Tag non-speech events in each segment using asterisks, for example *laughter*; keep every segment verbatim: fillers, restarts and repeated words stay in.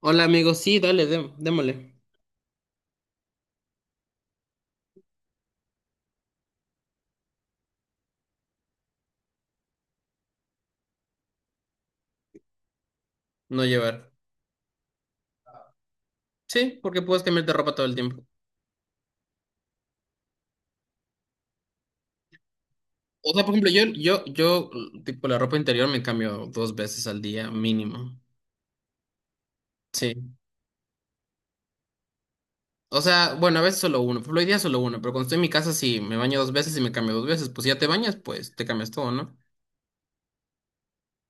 Hola amigo, sí, dale, dé- démosle. No llevar. Sí, porque puedes cambiarte de ropa todo el tiempo. O sea, por ejemplo, yo, yo, yo, tipo, la ropa interior me cambio dos veces al día, mínimo. Sí. O sea, bueno, a veces solo uno. Por ejemplo, hoy día solo uno, pero cuando estoy en mi casa sí me baño dos veces y me cambio dos veces. Pues si ya te bañas, pues te cambias todo, ¿no?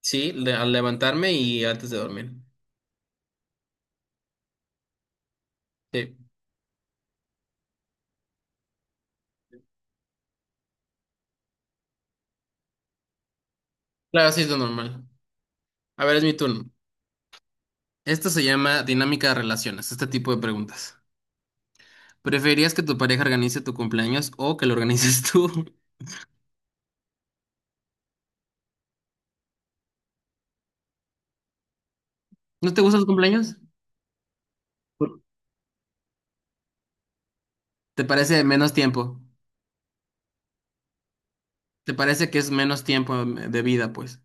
Sí, le- al levantarme y antes de dormir. Sí. Claro, sí es lo normal. A ver, es mi turno. Esto se llama dinámica de relaciones, este tipo de preguntas. ¿Preferirías que tu pareja organice tu cumpleaños o que lo organices tú? *laughs* ¿No te gustan los cumpleaños? Por- ¿Te parece menos tiempo? ¿Te parece que es menos tiempo eh, de vida, pues?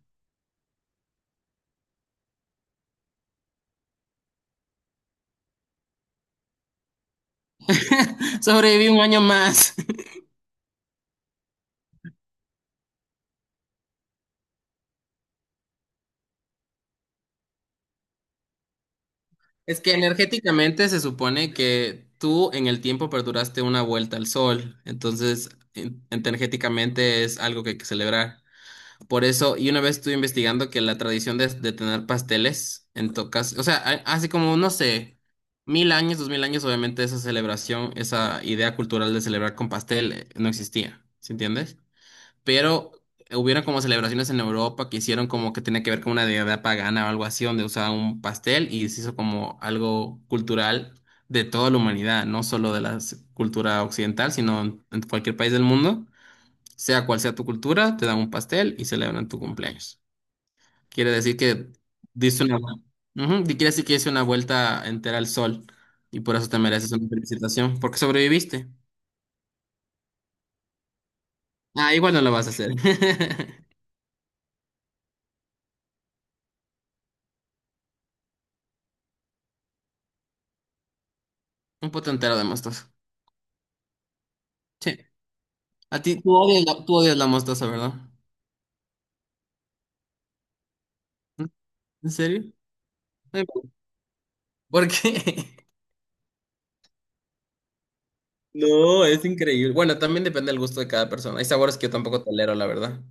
*laughs* Sobreviví un año más. *laughs* Es que energéticamente se supone que tú en el tiempo perduraste una vuelta al sol, entonces en- energéticamente es algo que hay que celebrar. Por eso, y una vez estuve investigando que la tradición de, de tener pasteles en tocas, o sea, a- así como, no sé, mil años, dos mil años, obviamente esa celebración, esa idea cultural de celebrar con pastel eh, no existía, ¿sí entiendes? Pero hubieron como celebraciones en Europa que hicieron como que tenía que ver con una deidad pagana o algo así, donde usaban un pastel y se hizo como algo cultural de toda la humanidad, no solo de la s- cultura occidental, sino en en cualquier país del mundo, sea cual sea tu cultura, te dan un pastel y celebran tu cumpleaños. Quiere decir que diste una, vu- Ujú, y quiere decir que hice una vuelta entera al sol y por eso te mereces una felicitación, porque sobreviviste. Ah, igual no lo vas a hacer. *laughs* Un pote entero de mostaza. Sí. A ti, tú odias la, tú odias la mostaza, ¿verdad? ¿Mm? ¿En serio? Ay, ¿por qué? *laughs* No, es increíble. Bueno, también depende del gusto de cada persona. Hay sabores que yo tampoco tolero, la verdad.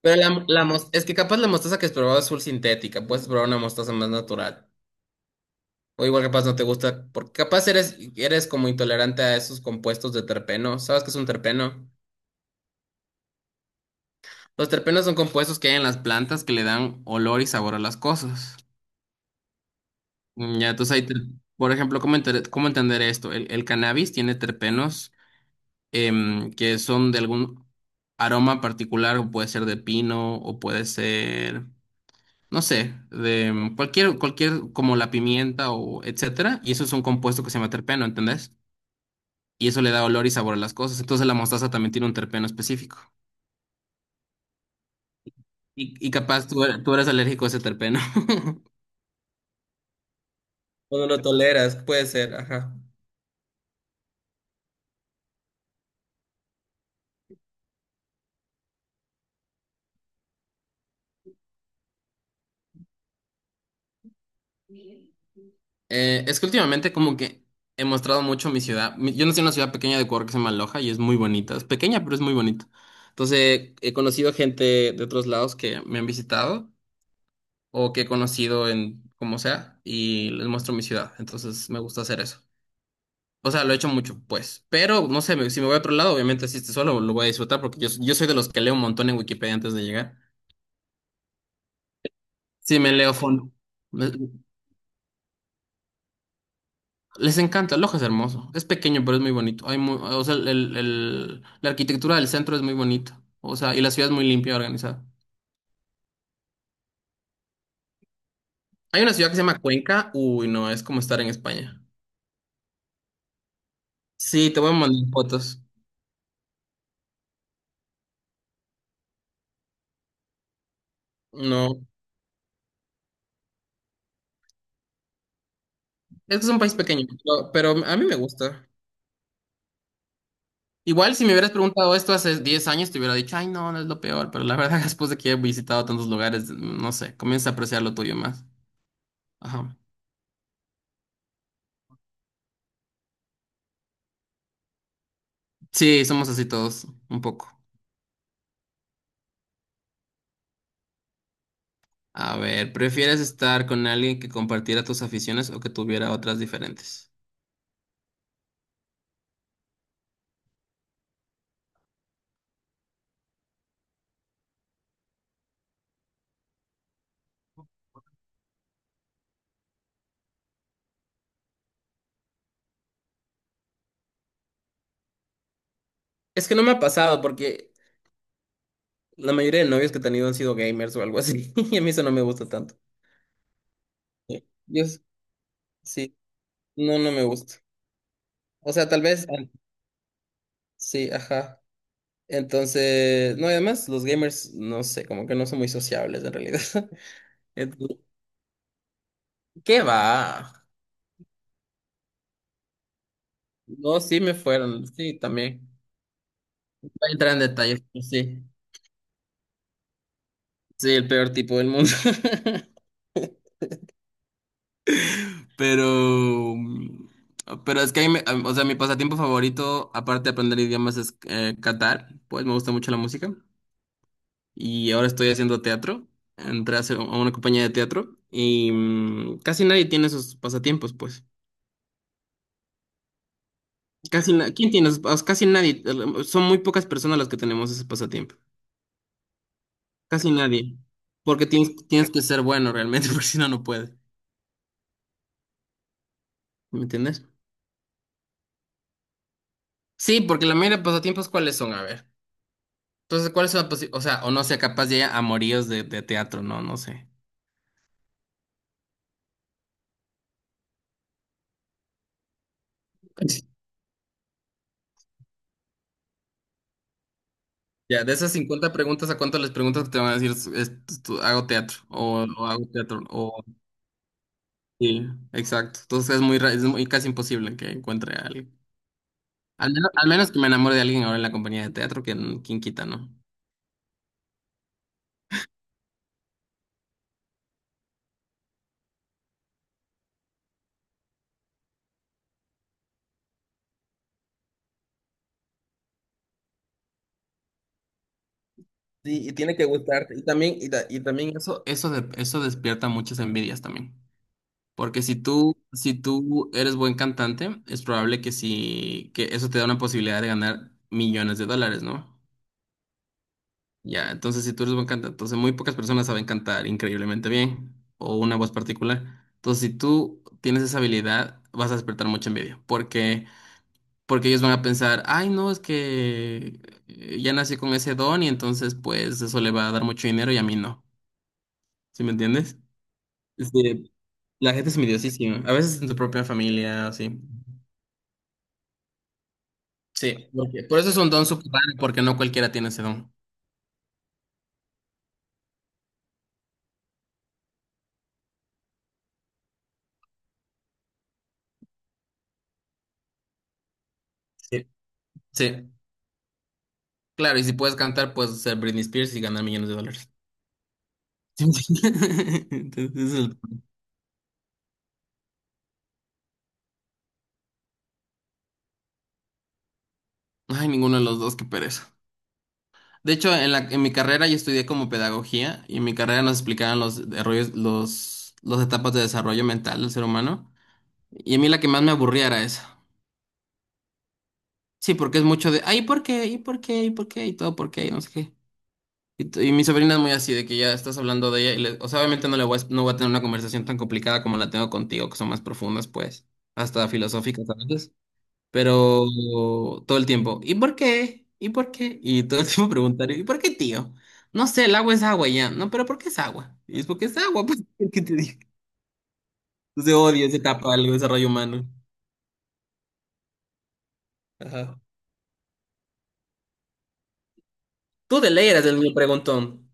Pero la, la mos- es que capaz la mostaza que has probado es full sintética. Puedes probar una mostaza más natural. O igual capaz no te gusta, porque capaz eres, eres como intolerante a esos compuestos de terpeno. ¿Sabes qué es un terpeno? Los terpenos son compuestos que hay en las plantas que le dan olor y sabor a las cosas. Mm, Ya, entonces ahí, te- por ejemplo, ¿cómo, enter- cómo entender esto? El, el cannabis tiene terpenos em, que son de algún aroma particular, o puede ser de pino, o puede ser, no sé, de em, cualquier, cualquier, como la pimienta o etcétera, y eso es un compuesto que se llama terpeno, ¿entendés? Y eso le da olor y sabor a las cosas. Entonces la mostaza también tiene un terpeno específico. Y, y capaz tú, er- tú eres alérgico a ese terpeno. *laughs* O no lo toleras, puede ser, ajá. Eh, es que últimamente como que he mostrado mucho mi ciudad. Mi- Yo nací en una ciudad pequeña de Ecuador que se llama Loja y es muy bonita. Es pequeña, pero es muy bonita. Entonces he conocido gente de otros lados que me han visitado o que he conocido en como sea y les muestro mi ciudad. Entonces me gusta hacer eso. O sea, lo he hecho mucho, pues. Pero no sé, me- si me voy a otro lado, obviamente si estoy solo lo voy a disfrutar porque yo, yo soy de los que leo un montón en Wikipedia antes de llegar. Sí, me leo fondo. Les encanta, Loja es hermoso. Es pequeño, pero es muy bonito. Hay mu- o sea, el- el- el- la arquitectura del centro es muy bonita. O sea, y la ciudad es muy limpia y organizada. Hay una ciudad que se llama Cuenca. Uy, no, es como estar en España. Sí, te voy a mandar fotos. No. Es que es un país pequeño, pero, pero a mí me gusta. Igual si me hubieras preguntado esto hace diez años, te hubiera dicho, ay, no, no es lo peor. Pero la verdad, *laughs* después de que he visitado tantos lugares, no sé, comienza a apreciar lo tuyo más. Ajá. Sí, somos así todos, un poco. A ver, ¿prefieres estar con alguien que compartiera tus aficiones o que tuviera otras diferentes? Es que no me ha pasado porque la mayoría de novios que he tenido han sido gamers o algo así. *laughs* Y a mí eso no me gusta tanto. Sí. Yo s- sí, no, no me gusta. O sea, tal vez, an- sí, ajá. Entonces, no, y además los gamers, no sé, como que no son muy sociables en realidad. *laughs* Entonces, ¿qué va? No, sí me fueron, sí, también. Voy a entrar en detalles, pero sí. Sí, el peor tipo del mundo. *laughs* Pero, mm, pero es que, ahí me- o sea, mi pasatiempo favorito, aparte de aprender idiomas, es eh, cantar. Pues me gusta mucho la música. Y ahora estoy haciendo teatro. Entré a, hacer- a una compañía de teatro y mm, casi nadie tiene esos pasatiempos, pues. Casi na- ¿quién tiene esos pas- casi nadie? eh, Son muy pocas personas las que tenemos ese pasatiempo. Casi nadie. Porque tienes, tienes que ser bueno realmente, *laughs* porque si no, no puedes. ¿Me entiendes? Sí, porque la mayoría de pasatiempos, ¿cuáles son? A ver. Entonces, ¿cuáles son? Las o sea, o no sé, capaz ya hay amoríos de, de teatro, no, no sé. *laughs* Ya, de esas cincuenta preguntas, ¿a cuántas les preguntas que te van a decir, "Es- es- tú- hago teatro? O, o hago teatro, o... Sí, exacto. Entonces es muy, ra- es muy casi imposible que encuentre a alguien. Al menos, al menos que me enamore de alguien ahora en la compañía de teatro, que quien quita, ¿no? Sí, y tiene que gustarte. Y también, y, ta- y también eso, eso, de- eso despierta muchas envidias también. Porque si tú, si tú eres buen cantante, es probable que sí, que eso te da una posibilidad de ganar millones de dólares, ¿no? Ya, entonces si tú eres buen cantante, entonces muy pocas personas saben cantar increíblemente bien o una voz particular. Entonces si tú tienes esa habilidad, vas a despertar mucha envidia, porque porque ellos van a pensar, ay, no, es que eh, ya nací con ese don y entonces pues eso le va a dar mucho dinero y a mí no. ¿Sí me entiendes? Este, la gente es envidiosísima, a veces en tu propia familia, así. Sí, porque- por eso es un don súper raro, porque no cualquiera tiene ese don. Sí, sí. Claro, y si puedes cantar, puedes ser Britney Spears y ganar millones de dólares. *laughs* Entonces, el- ay, ninguno de los dos, qué pereza. De hecho, en la, en mi carrera yo estudié como pedagogía y en mi carrera nos explicaban los desarrollos, los, las etapas de desarrollo mental del ser humano. Y a mí la que más me aburría era esa. Sí, porque es mucho de, ay, ¿por qué? ¿Y por qué? ¿Y por qué? Y todo, ¿por qué? Y no sé qué. Y, t- y mi sobrina es muy así, de que ya estás hablando de ella, y le- o sea, obviamente no le voy a, no voy a tener una conversación tan complicada como la tengo contigo, que son más profundas, pues, hasta filosóficas a veces, pero todo el tiempo, ¿y por qué? ¿Y por qué? Y todo el tiempo *laughs* preguntar, ¿y por qué, tío? No sé, el agua es agua y ya, no, pero ¿por qué es agua? Y es porque es agua, pues, *laughs* ¿qué te digo? Entonces odio esa etapa del desarrollo humano. Ajá. Tú de ley eres el niño preguntón.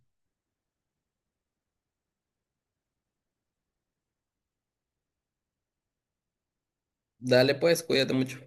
Dale, pues, cuídate mucho.